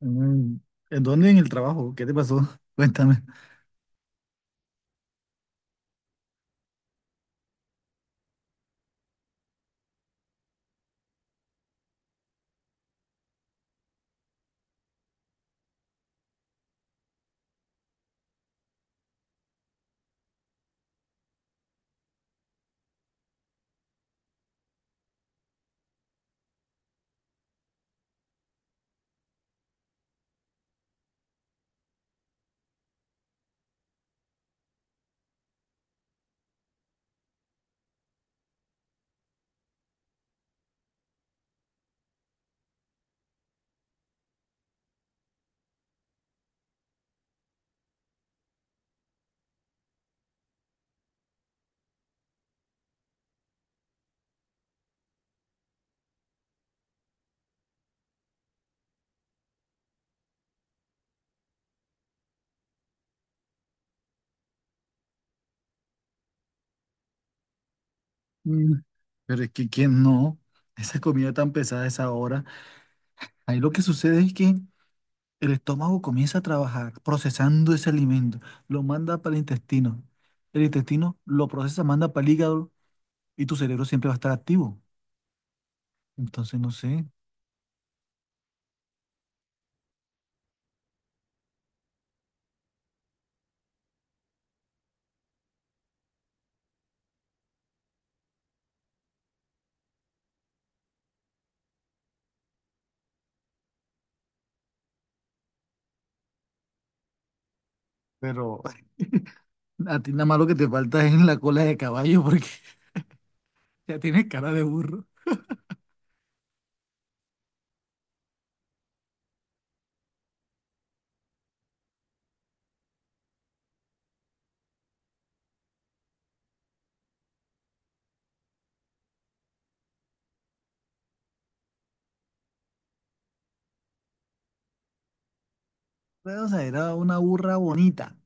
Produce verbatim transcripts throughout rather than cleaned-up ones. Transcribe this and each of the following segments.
Mm, ¿En dónde en el trabajo? ¿Qué te pasó? Cuéntame. Mm, Pero es que quién no, esa comida tan pesada a esa hora. Ahí lo que sucede es que el estómago comienza a trabajar procesando ese alimento, lo manda para el intestino. El intestino lo procesa, manda para el hígado y tu cerebro siempre va a estar activo. Entonces no sé, pero a ti nada más lo que te falta es en la cola de caballo porque ya tienes cara de burro. Pero, o sea, era una burra bonita.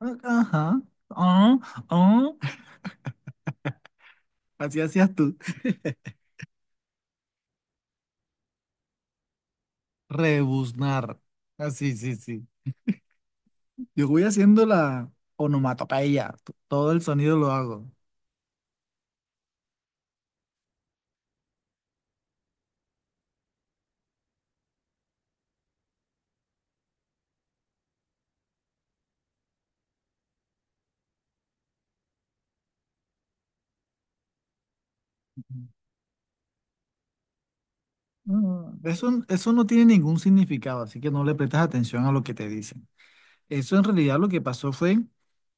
Ah, ajá. Ah, ah. Así hacías tú. Rebuznar. Así, sí, sí, sí. Yo voy haciendo la onomatopeya. t- Todo el sonido lo hago. Mm, Eso, eso no tiene ningún significado, así que no le prestas atención a lo que te dicen. Eso en realidad lo que pasó fue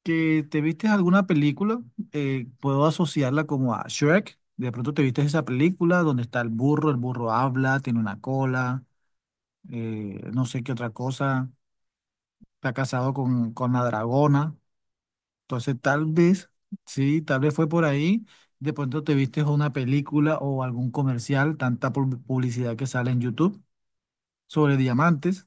que te viste alguna película, eh, puedo asociarla como a Shrek. De pronto te viste esa película donde está el burro, el burro habla, tiene una cola, eh, no sé qué otra cosa. Está casado con, con la dragona. Entonces, tal vez, sí, tal vez fue por ahí. De pronto te viste una película o algún comercial, tanta pub- publicidad que sale en YouTube sobre diamantes.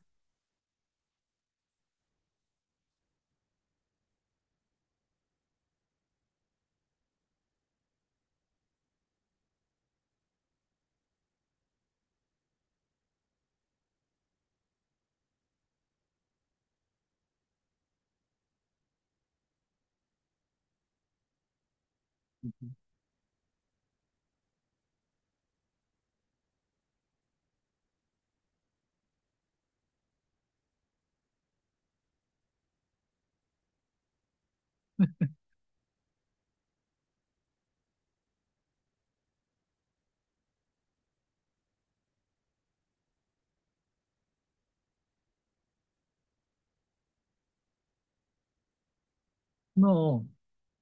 No,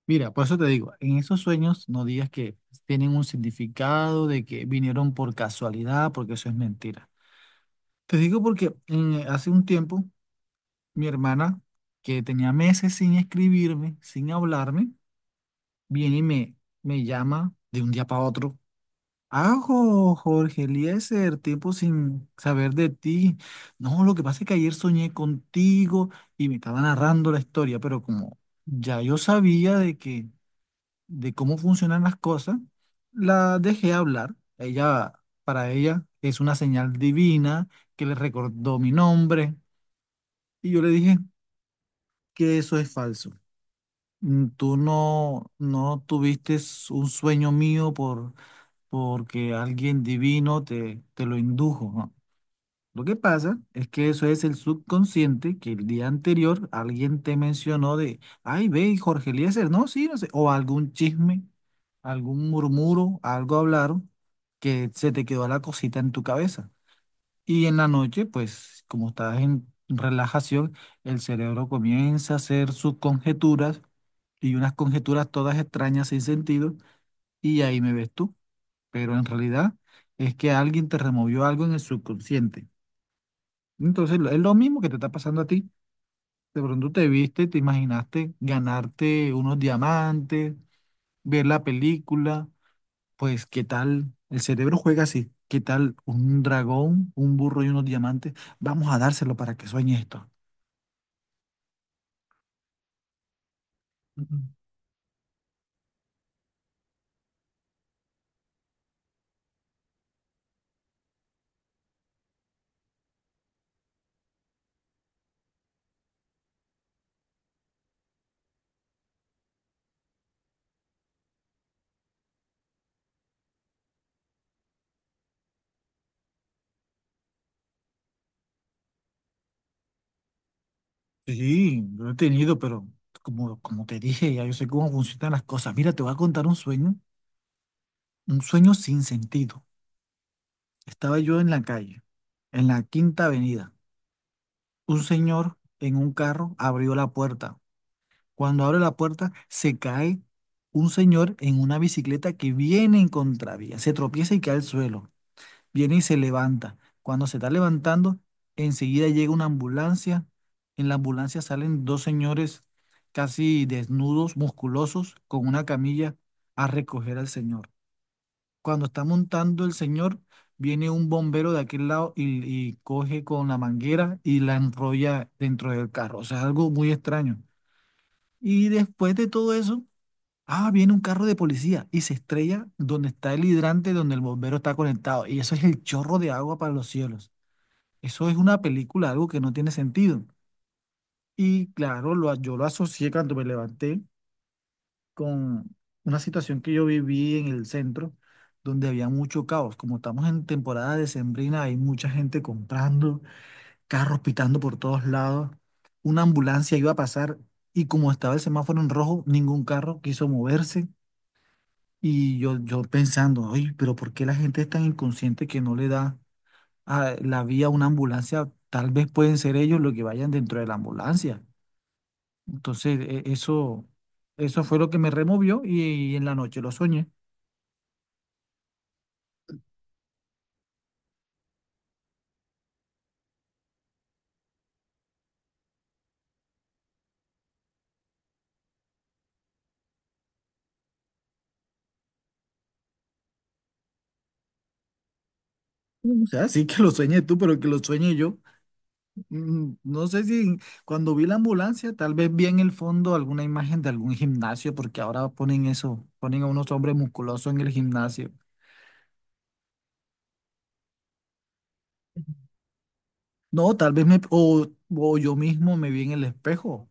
mira, por eso te digo, en esos sueños no digas que tienen un significado, de que vinieron por casualidad, porque eso es mentira. Te digo porque mm, hace un tiempo mi hermana, que tenía meses sin escribirme, sin hablarme, viene y me, me llama de un día para otro. Ajo, Jorge Eliezer, tiempo sin saber de ti. No, lo que pasa es que ayer soñé contigo y me estaba narrando la historia, pero como ya yo sabía de que, de cómo funcionan las cosas, la dejé hablar. Ella, para ella, es una señal divina que le recordó mi nombre y yo le dije que eso es falso. Mm, Tú no, no tuviste un sueño mío por porque alguien divino te, te lo indujo, ¿no? Lo que pasa es que eso es el subconsciente que el día anterior alguien te mencionó de, ay, ve, y Jorge Eliezer, no, sí, no sé, o algún chisme, algún murmuro, algo hablaron que se te quedó la cosita en tu cabeza. Y en la noche, pues, como estás en relajación, el cerebro comienza a hacer sus conjeturas y unas conjeturas todas extrañas sin sentido, y ahí me ves tú, pero en realidad es que alguien te removió algo en el subconsciente. Entonces, lo- es lo mismo que te está pasando a ti. De pronto te viste, te imaginaste ganarte unos diamantes, ver la película, pues qué tal, el cerebro juega así, qué tal un dragón, un burro y unos diamantes, vamos a dárselo para que sueñe esto. Ujú. Sí, lo he tenido, pero como, como te dije, ya yo sé cómo funcionan las cosas. Mira, te voy a contar un sueño, un sueño sin sentido. Estaba yo en la calle, en la Quinta Avenida. Un señor en un carro abrió la puerta. Cuando abre la puerta, se cae un señor en una bicicleta que viene en contravía. Se tropieza y cae al suelo. Viene y se levanta. Cuando se está levantando, enseguida llega una ambulancia. En la ambulancia salen dos señores casi desnudos, musculosos, con una camilla a recoger al señor. Cuando está montando el señor, viene un bombero de aquel lado y, y coge con la manguera y la enrolla dentro del carro. O sea, algo muy extraño. Y después de todo eso, ah, viene un carro de policía y se estrella donde está el hidrante, donde el bombero está conectado. Y eso es el chorro de agua para los cielos. Eso es una película, algo que no tiene sentido. Y claro, lo, a- yo lo asocié cuando me levanté con una situación que yo viví en el centro, donde había mucho caos. Como estamos en temporada decembrina, hay mucha gente comprando, carros pitando por todos lados. Una ambulancia iba a pasar y como estaba el semáforo en rojo, ningún carro quiso moverse. Y yo, yo pensando, oye, pero ¿por qué la gente es tan inconsciente que no le da a la vía a una ambulancia? Tal vez pueden ser ellos los que vayan dentro de la ambulancia. Entonces, e- eso, eso fue lo que me removió y, y en la noche lo soñé. No, o sea, sí que lo sueñe tú, pero que lo sueñe yo. Mm, No sé si cuando vi la ambulancia, tal vez vi en el fondo alguna imagen de algún gimnasio, porque ahora ponen eso, ponen a unos hombres musculosos en el gimnasio. No, tal vez me, o, o yo mismo me vi en el espejo.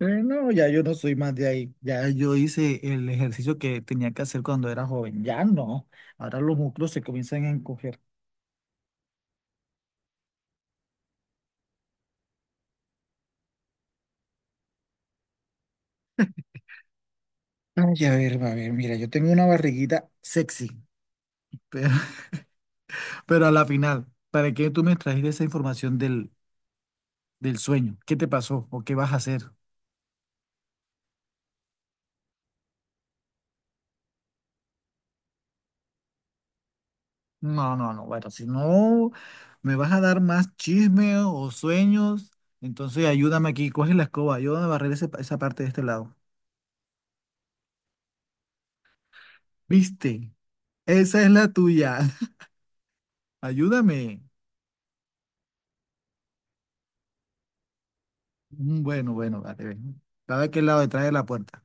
Eh, no, ya yo no soy más de ahí. Ya yo hice el ejercicio que tenía que hacer cuando era joven. Ya no. Ahora los músculos se comienzan a encoger. Ay, a ver, a ver, mira, yo tengo una barriguita sexy. pero Pero a la final, ¿para qué tú me trajiste esa información del, del sueño? ¿Qué te pasó o qué vas a hacer? No, no, no. Bueno, si no me vas a dar más chisme o sueños, entonces ayúdame aquí, coge la escoba, ayúdame a barrer ese pa- esa parte de este lado. ¿Viste? Esa es la tuya. Ayúdame. Mm, bueno, bueno, vale. Ven. ¿Sabe a qué lado detrás de la puerta?